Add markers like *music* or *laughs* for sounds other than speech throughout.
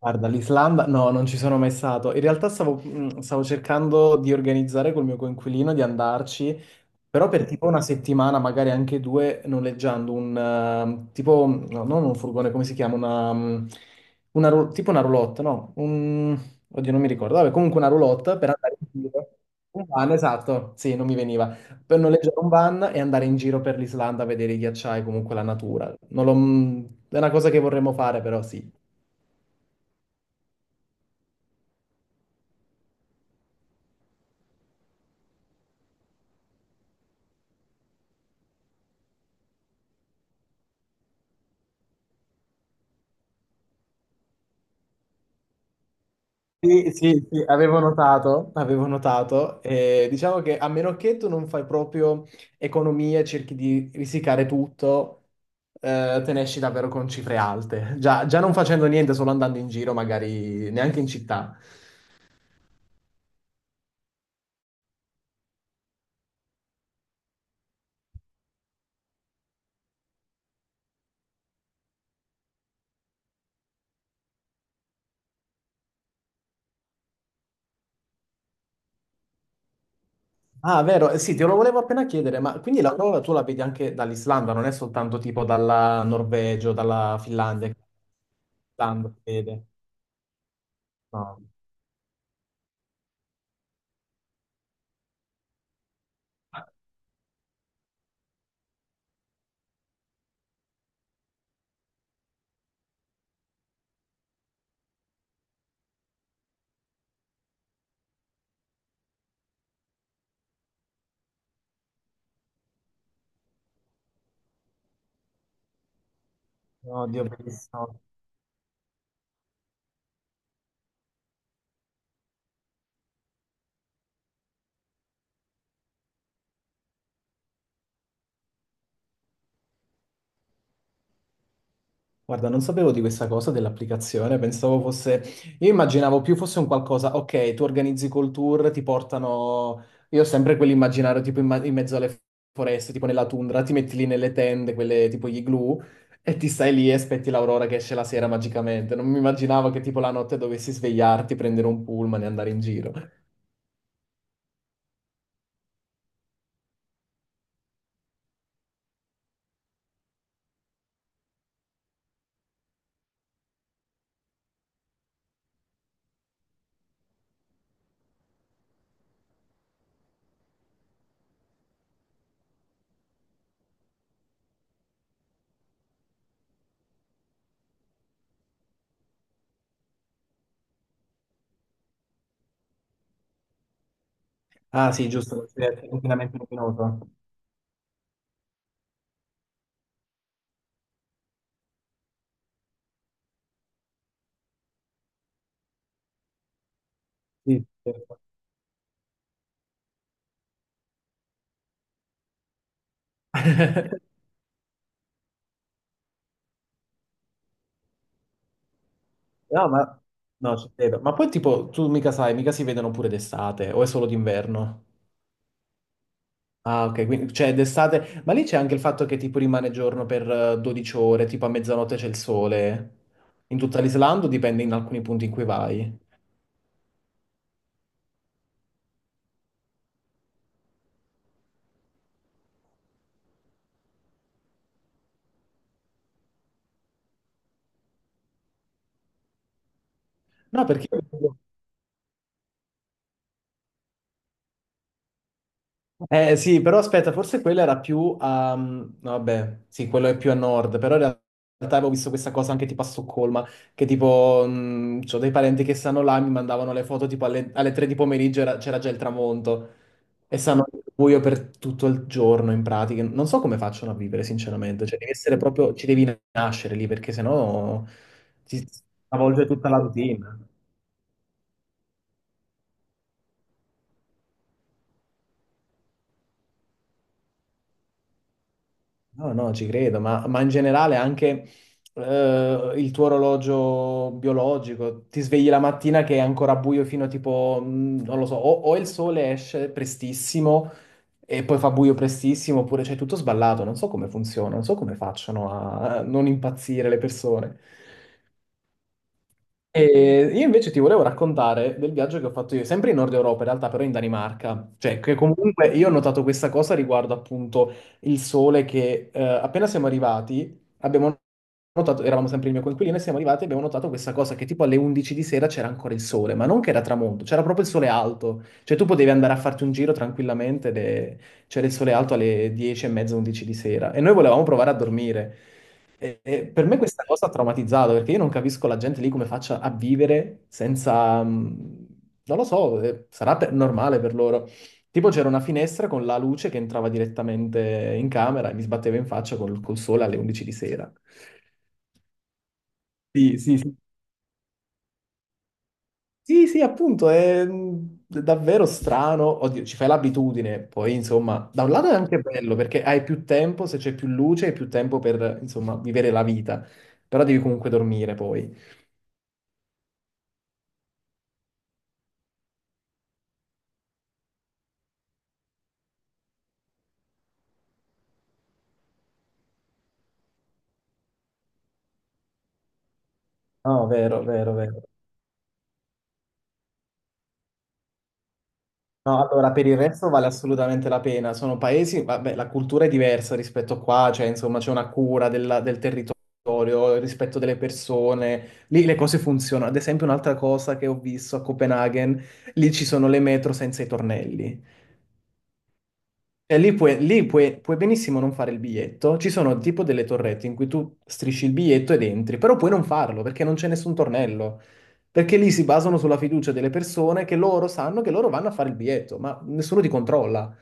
Guarda, l'Islanda, no, non ci sono mai stato. In realtà stavo, stavo cercando di organizzare col mio coinquilino di andarci, però per tipo una settimana, magari anche due, noleggiando un tipo, no, non un furgone, come si chiama? Una, tipo una roulotte, no? Un, oddio, non mi ricordo. Vabbè, comunque una roulotte per andare in giro. Un van, esatto, sì, non mi veniva. Per noleggiare un van e andare in giro per l'Islanda a vedere i ghiacciai, comunque la natura. Non l'ho- È una cosa che vorremmo fare, però sì. Sì, sì, sì, avevo notato, avevo notato. Diciamo che a meno che tu non fai proprio economia, e cerchi di risicare tutto, te ne esci davvero con cifre alte. Già, già non facendo niente, solo andando in giro, magari neanche in città. Ah, vero, sì, te lo volevo appena chiedere, ma quindi la prova tu la vedi anche dall'Islanda, non è soltanto tipo dalla Norvegia o dalla Finlandia, che l'Islanda vede. No. Oddio, bellissimo. Guarda, non sapevo di questa cosa dell'applicazione, pensavo fosse... Io immaginavo più fosse un qualcosa, ok, tu organizzi col tour, ti portano... Io ho sempre quell'immaginario tipo in mezzo alle foreste, tipo nella tundra, ti metti lì nelle tende, quelle tipo gli igloo, e ti stai lì e aspetti l'aurora che esce la sera magicamente. Non mi immaginavo che tipo la notte dovessi svegliarti, prendere un pullman e andare in giro. Ah sì, giusto, è inquinamento luminoso. Sì, certo. No, ma... No, ci credo. Ma poi tipo, tu mica sai, mica si vedono pure d'estate o è solo d'inverno? Ah, ok, quindi cioè d'estate, ma lì c'è anche il fatto che tipo rimane giorno per 12 ore, tipo a mezzanotte c'è il sole. In tutta l'Islanda o dipende in alcuni punti in cui vai? No, perché eh sì, però aspetta, forse quella era più a... mm, no, vabbè, sì, quello è più a nord, però in realtà avevo visto questa cosa anche tipo a Stoccolma, che tipo, c'ho dei parenti che stanno là, mi mandavano le foto tipo alle 3 di pomeriggio, c'era già il tramonto, e stanno al buio per tutto il giorno in pratica. Non so come facciano a vivere, sinceramente, cioè devi essere proprio, ci devi nascere lì, perché sennò ti stravolge tutta la routine. No, no, ci credo, ma in generale anche il tuo orologio biologico, ti svegli la mattina che è ancora buio fino a tipo, non lo so, o il sole esce prestissimo e poi fa buio prestissimo, oppure c'è tutto sballato, non so come funziona, non so come facciano a non impazzire le persone. E io invece ti volevo raccontare del viaggio che ho fatto io, sempre in Nord Europa, in realtà però in Danimarca, cioè che comunque io ho notato questa cosa riguardo appunto il sole che appena siamo arrivati abbiamo notato, eravamo sempre il mio coinquilino e siamo arrivati e abbiamo notato questa cosa che tipo alle 11 di sera c'era ancora il sole, ma non che era tramonto, c'era proprio il sole alto, cioè tu potevi andare a farti un giro tranquillamente, c'era il sole alto alle 10 e mezza, 11 di sera e noi volevamo provare a dormire. E per me questa cosa ha traumatizzato perché io non capisco la gente lì come faccia a vivere senza, mm, non lo so, normale per loro. Tipo c'era una finestra con la luce che entrava direttamente in camera e mi sbatteva in faccia col sole alle 11 di sera. Sì, sì, sì, sì, sì, appunto, è mm, davvero strano. Oddio, ci fai l'abitudine, poi insomma, da un lato è anche bello perché hai più tempo, se c'è più luce, hai più tempo per, insomma, vivere la vita, però devi comunque dormire poi. No, vero, vero, vero. No, allora, per il resto vale assolutamente la pena. Sono paesi, vabbè, la cultura è diversa rispetto a qua, cioè, insomma, c'è una cura del territorio, il rispetto delle persone. Lì le cose funzionano. Ad esempio, un'altra cosa che ho visto a Copenaghen, lì ci sono le metro senza i tornelli. E lì, puoi, puoi benissimo non fare il biglietto. Ci sono tipo delle torrette in cui tu strisci il biglietto ed entri, però puoi non farlo perché non c'è nessun tornello. Perché lì si basano sulla fiducia delle persone che loro sanno che loro vanno a fare il biglietto, ma nessuno ti controlla.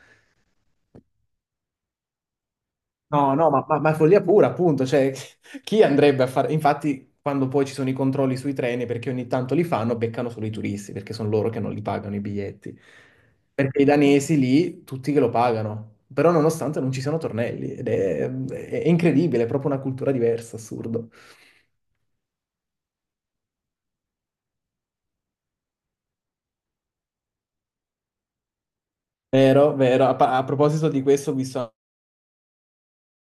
No, no, ma è follia pura, appunto, cioè, *laughs* chi andrebbe a fare... Infatti, quando poi ci sono i controlli sui treni, perché ogni tanto li fanno, beccano solo i turisti, perché sono loro che non li pagano i biglietti. Perché i danesi lì, tutti che lo pagano, però nonostante non ci siano tornelli, è incredibile, è proprio una cultura diversa, assurdo. Vero, vero. A proposito di questo, ho visto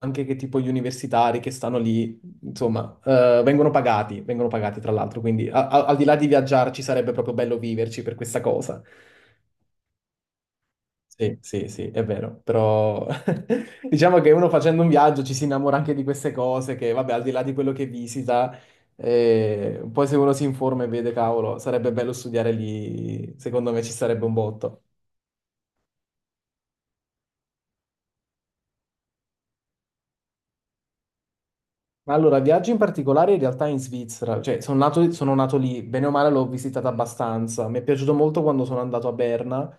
anche che tipo gli universitari che stanno lì, insomma, vengono pagati tra l'altro, quindi al di là di viaggiarci sarebbe proprio bello viverci per questa cosa. Sì, sì, sì, è vero, però *laughs* diciamo che uno facendo un viaggio ci si innamora anche di queste cose che, vabbè, al di là di quello che visita, poi se uno si informa e vede, cavolo, sarebbe bello studiare lì, secondo me ci sarebbe un botto. Ma allora, viaggio in particolare in realtà in Svizzera, cioè sono nato lì, bene o male l'ho visitata abbastanza, mi è piaciuto molto quando sono andato a Berna,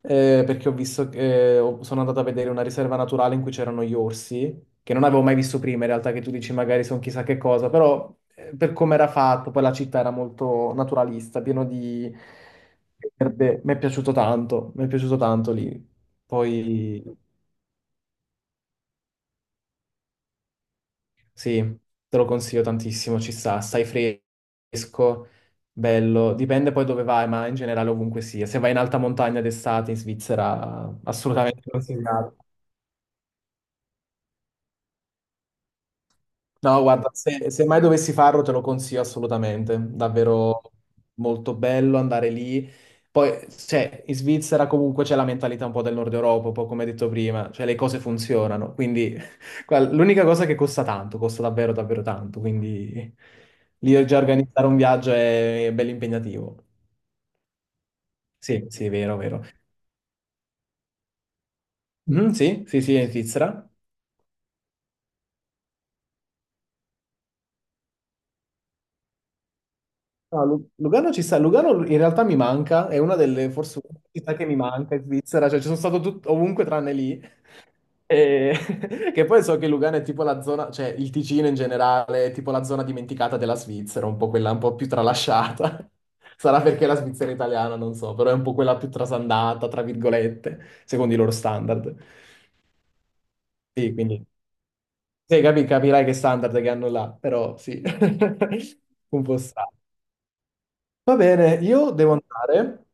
perché ho visto che sono andato a vedere una riserva naturale in cui c'erano gli orsi, che non avevo mai visto prima in realtà, che tu dici magari sono chissà che cosa, però per come era fatto, poi la città era molto naturalista, pieno di verde, mi è piaciuto tanto, mi è piaciuto tanto lì. Poi... Sì, te lo consiglio tantissimo, ci sta, stai fresco, bello, dipende poi dove vai, ma in generale ovunque sia. Se vai in alta montagna d'estate in Svizzera, assolutamente consigliato. No, guarda, se mai dovessi farlo te lo consiglio assolutamente, davvero molto bello andare lì. Poi, cioè, in Svizzera comunque c'è la mentalità un po' del Nord Europa, un po' come detto prima, cioè le cose funzionano, quindi *laughs* guarda, l'unica cosa è che costa tanto, costa davvero davvero tanto, quindi lì già organizzare un viaggio è bello impegnativo. Sì, sì, vero, vero. Mhm, sì, sì, sì, è in Svizzera. No, Lugano ci sta, Lugano in realtà mi manca, è una delle forse una città che mi manca in Svizzera, cioè ci sono stato tut- ovunque tranne lì, E- *laughs* che poi so che Lugano è tipo la zona, cioè il Ticino in generale è tipo la zona dimenticata della Svizzera, un po' quella un po' più tralasciata, *laughs* sarà perché la Svizzera è italiana, non so, però è un po' quella più trasandata, tra virgolette, secondo i loro standard. Sì, quindi sì, capirai che standard che hanno là, però sì, *laughs* un po' strano. Va bene, io devo andare.